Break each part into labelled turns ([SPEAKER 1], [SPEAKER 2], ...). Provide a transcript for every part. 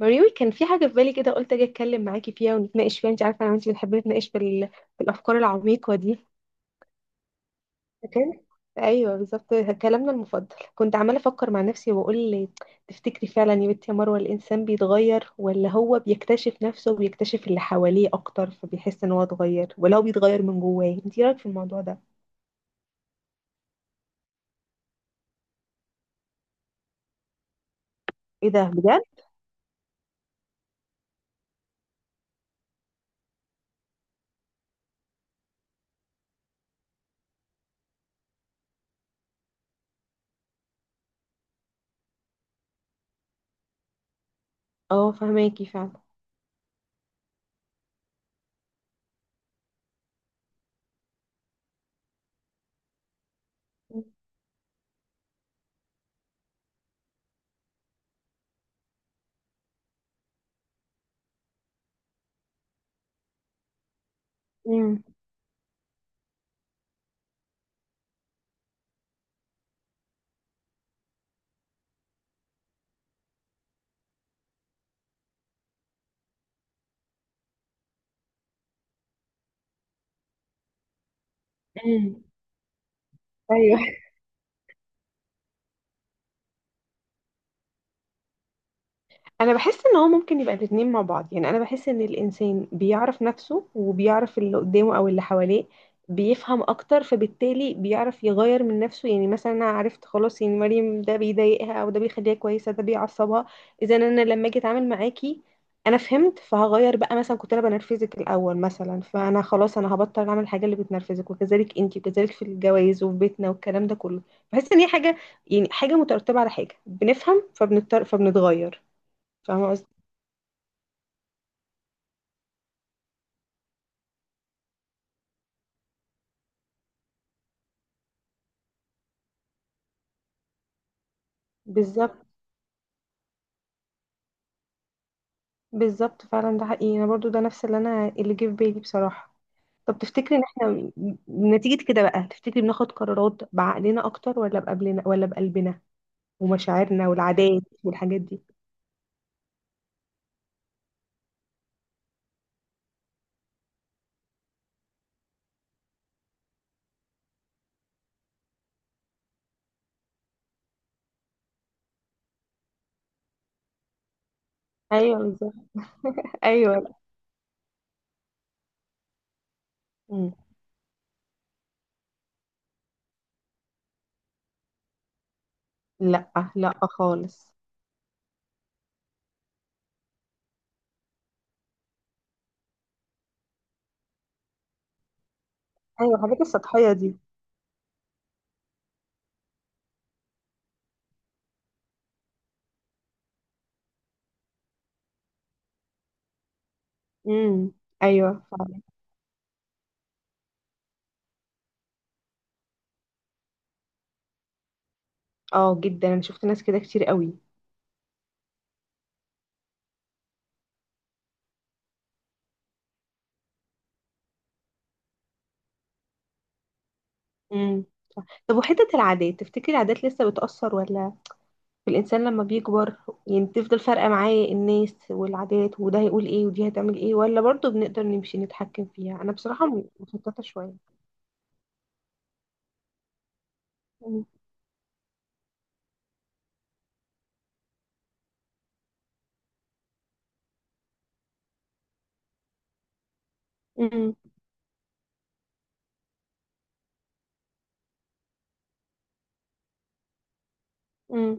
[SPEAKER 1] مريوي، كان في حاجة في بالي كده قلت أجي أتكلم معاكي فيها ونتناقش فيها. أنت عارفة أنا وأنت بنحب نتناقش في في الأفكار العميقة دي. فكان أيوه بالظبط، كلامنا المفضل. كنت عمالة أفكر مع نفسي وأقول: تفتكري فعلا يا بنتي يا مروة، الإنسان بيتغير ولا هو بيكتشف نفسه وبيكتشف اللي حواليه أكتر فبيحس إن هو اتغير، ولا هو بيتغير من جواه؟ أنت إيه رأيك في الموضوع ده؟ إيه ده بجد؟ أه، فهماكي فعلا. أمم. أمم. أيوه. انا بحس ان هو ممكن يبقى الاتنين مع بعض، يعني انا بحس ان الانسان بيعرف نفسه وبيعرف اللي قدامه او اللي حواليه، بيفهم اكتر فبالتالي بيعرف يغير من نفسه. يعني مثلا انا عرفت خلاص، يعني مريم ده بيضايقها او ده بيخليها كويسه ده بيعصبها. اذا انا لما اجي اتعامل معاكي انا فهمت فهغير بقى، مثلا كنت انا بنرفزك الاول مثلا فانا خلاص انا هبطل اعمل الحاجه اللي بتنرفزك، وكذلك انتي وكذلك في الجواز وفي بيتنا والكلام ده كله. بحس ان هي حاجه، يعني حاجه مترتبه على حاجه، بنفهم فبنضطر فبنتغير. فاهمة قصدي؟ بالظبط. بالظبط فعلا، ده حقيقي، انا برضو ده نفس اللي انا اللي جه في بالي بصراحة. طب تفتكري ان احنا نتيجة كده بقى، تفتكري بناخد قرارات بعقلنا اكتر ولا بقبلنا ولا بقلبنا ومشاعرنا والعادات والحاجات دي؟ ايوه بالظبط. ايوه. مم. لا. لا خالص. ايوه، الحاجات السطحية دي. امم. ايوه فعلا. اه جدا، انا شفت ناس كده كتير قوي. امم. طب وحتة العادات، تفتكري العادات لسه بتأثر ولا الإنسان لما بيكبر يعني بتفضل فارقة معاه الناس والعادات وده هيقول ايه ودي هتعمل ايه، ولا برضه بنقدر نمشي نتحكم فيها؟ أنا بصراحة مشتتة شوية. م- م- م.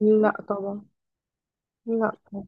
[SPEAKER 1] لا طبعا. لا طبعا.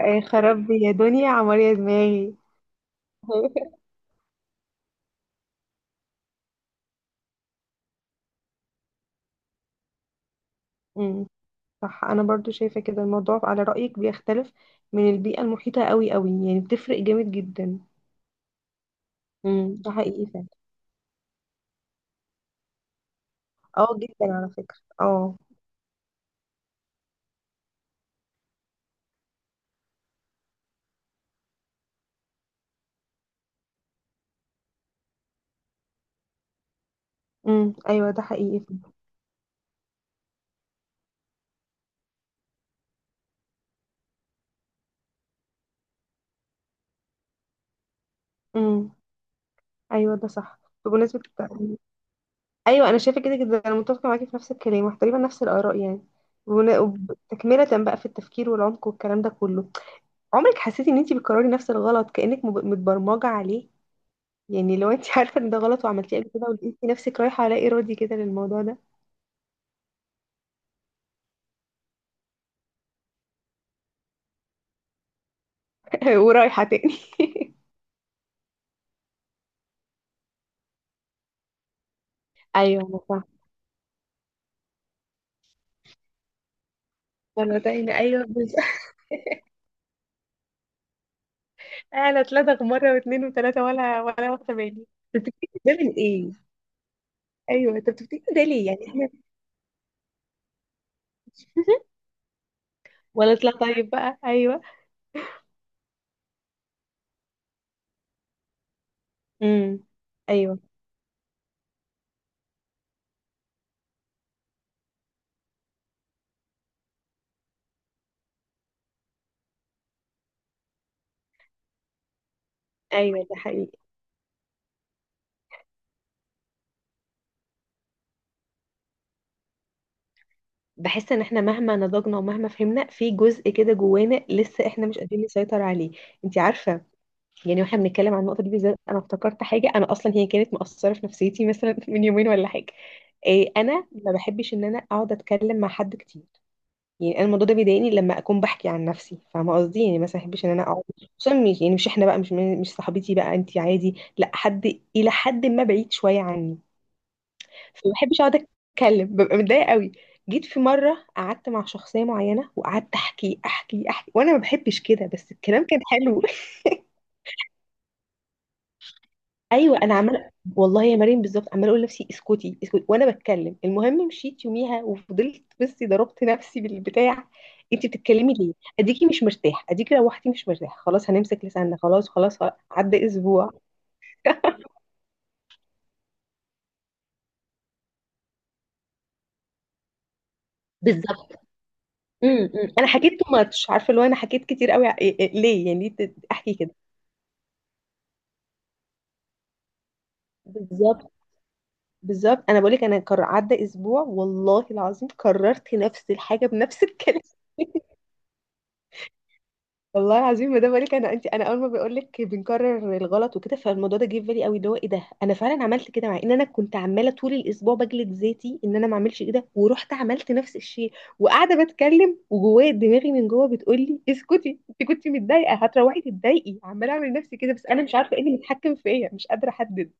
[SPEAKER 1] إيه، خراب بي يا دنيا، عمر يا دماغي. امم. صح، انا برضو شايفه كده، الموضوع على رايك بيختلف من البيئه المحيطه قوي قوي، يعني بتفرق جامد جدا. امم. ده حقيقي فعلا. اه جدا، على فكره اه. ايوه، ده حقيقي فعلا. ايوه ده صح. بمناسبه ايوه، انا شايفه كده جدا، انا متفقه معاكي في نفس الكلام وتقريبا نفس الاراء يعني. تكمله بقى في التفكير والعمق والكلام ده كله. عمرك حسيتي ان انت بتكرري نفس الغلط كانك متبرمجه عليه؟ يعني لو انت عارفه ان ده غلط وعملتيه قبل كده ولقيتي نفسك رايحه لا ارادي كده للموضوع ده. ورايحه تاني. ايوه انا فاهمه. انا تاني ايوه بس. انا اتلدغ مره واثنين وثلاثه ولا واخده بالي. بتفتكري ده من ايه؟ ايوه، انت بتفتكري ده ليه؟ يعني احنا. ولا اطلع طيب بقى؟ ايوه. امم. ايوه. ايوه ده حقيقي. بحس ان احنا مهما نضجنا ومهما فهمنا، في جزء كده جوانا لسه احنا مش قادرين نسيطر عليه. انت عارفه، يعني واحنا بنتكلم عن النقطه دي بالذات انا افتكرت حاجه، انا اصلا هي كانت مأثره في نفسيتي مثلا من يومين ولا حاجه. إيه، انا ما بحبش ان انا اقعد اتكلم مع حد كتير. يعني انا الموضوع ده بيضايقني لما اكون بحكي عن نفسي، فاهمه قصدي؟ يعني مثلا ما بحبش ان انا اقعد، خصوصا يعني مش احنا بقى مش صاحبتي بقى انت، عادي، لا، حد الى حد ما بعيد شويه عني. فما بحبش اقعد اتكلم، ببقى متضايقه قوي. جيت في مره قعدت مع شخصيه معينه وقعدت احكي احكي احكي وانا ما بحبش كده، بس الكلام كان حلو. ايوه انا عماله. والله يا مريم بالظبط، عماله اقول لنفسي اسكتي اسكتي وانا بتكلم. المهم مشيت يوميها وفضلت بصي، ضربت نفسي بالبتاع: انت بتتكلمي ليه؟ اديكي مش مرتاح، اديكي روحتي مش مرتاح، خلاص هنمسك لساننا. خلاص خلاص خلاص. عدى اسبوع. بالظبط. امم. انا حكيت تو ماتش، عارفه اللي هو انا حكيت كتير قوي. ليه؟ يعني احكي كده؟ بالظبط. بالظبط، انا بقولك انا عدى اسبوع والله العظيم كررت نفس الحاجه بنفس الكلام. والله العظيم، ما ده بقولك انا انت، انا اول ما بقولك بنكرر الغلط وكده، فالموضوع ده جه في بالي قوي، اللي هو ايه ده، انا فعلا عملت كده مع ان انا كنت عماله طول الاسبوع بجلد ذاتي ان انا ما اعملش كده ورحت عملت نفس الشيء. وقاعده بتكلم وجوايا دماغي من جوه بتقول لي اسكتي، انت كنت متضايقه هتروحي تتضايقي، عماله اعمل نفسي كده. بس انا مش عارفه ايه اللي متحكم فيا، مش قادره احدد.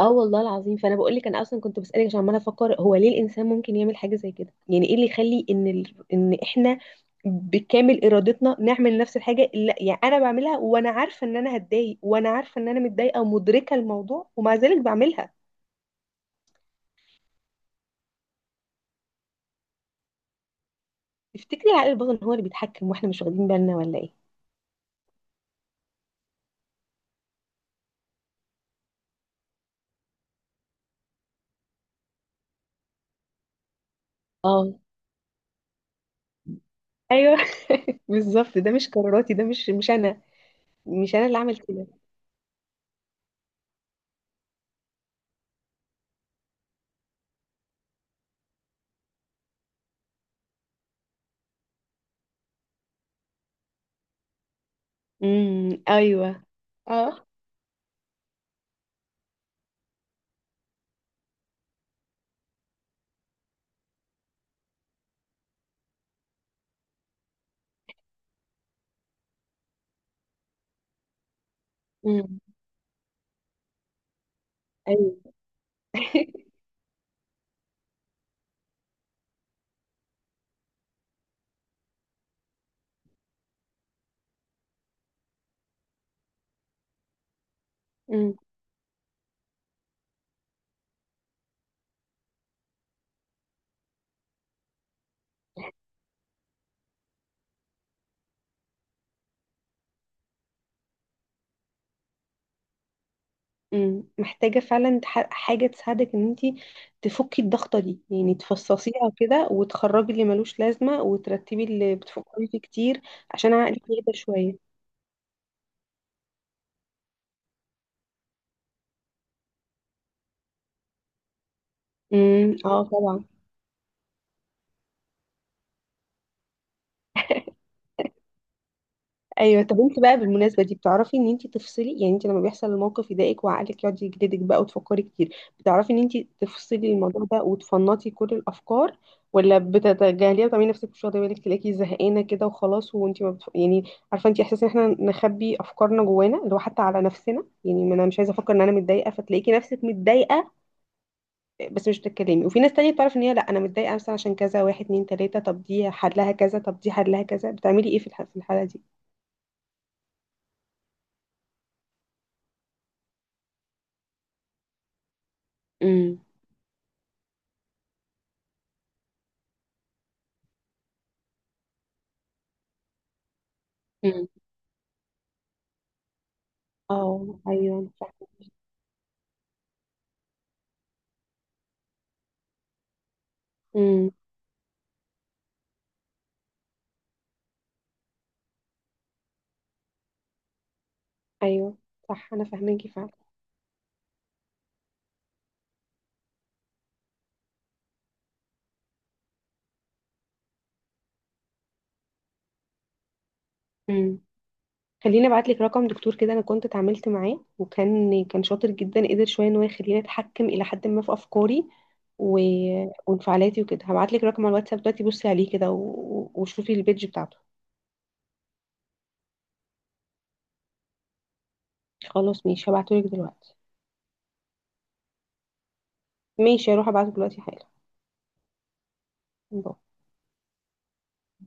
[SPEAKER 1] اه والله العظيم. فانا بقول لك انا اصلا كنت بسالك عشان عماله افكر، هو ليه الانسان ممكن يعمل حاجه زي كده؟ يعني ايه اللي يخلي ان ان احنا بكامل ارادتنا نعمل نفس الحاجه اللي، يعني انا بعملها وانا عارفه ان انا هتضايق، وانا عارفه ان انا متضايقه ومدركه الموضوع ومع ذلك بعملها. تفتكري العقل الباطن هو اللي بيتحكم واحنا مش واخدين بالنا، ولا ايه؟ اه. ايوه. بالظبط، ده مش قراراتي، ده مش انا، مش انا اللي عمل كده. امم. ايوه. اه. امم. ايوه. امم. مم. محتاجة فعلا حاجة تساعدك ان انتي تفكي الضغطة دي، يعني تفصصيها كده وتخرجي اللي ملوش لازمة وترتبي اللي بتفكري فيه كتير، عشان عقلك يهدى شوية. امم. اه طبعا. ايوه، طب انت بقى بالمناسبه دي بتعرفي ان انت تفصلي؟ يعني انت لما بيحصل الموقف يضايقك وعقلك يقعد يجلدك بقى وتفكري كتير، بتعرفي ان انت تفصلي الموضوع ده وتفنطي كل الافكار، ولا بتتجاهليها وتعملي نفسك مش واخده بالك تلاقيكي زهقانه كده وخلاص، وانت ما بتف... يعني، عارفه انت احساس ان احنا نخبي افكارنا جوانا اللي هو حتى على نفسنا، يعني ما انا مش عايزه افكر ان انا متضايقه فتلاقيكي نفسك متضايقه بس مش بتتكلمي. وفي ناس تانية بتعرف ان هي لا، انا متضايقه مثلا عشان كذا، واحد اتنين تلاته، طب دي حلها كذا طب دي حلها كذا. بتعملي ايه في الحاله دي؟ امم. اه ايوه، أنا فاهمة. امم. ايوه صح، انا فاهماكي فعلا. امم. خليني ابعت لك رقم دكتور كده، انا كنت اتعاملت معاه وكان كان شاطر جدا، قدر شويه ان هو يخليني اتحكم الى حد ما في افكاري و... وانفعالاتي وكده. هبعت لك رقم على الواتساب دلوقتي، بصي عليه كده وشوفي البيج بتاعته. خلاص ماشي، هبعته لك دلوقتي. ماشي هروح ابعته دلوقتي حالا. باي.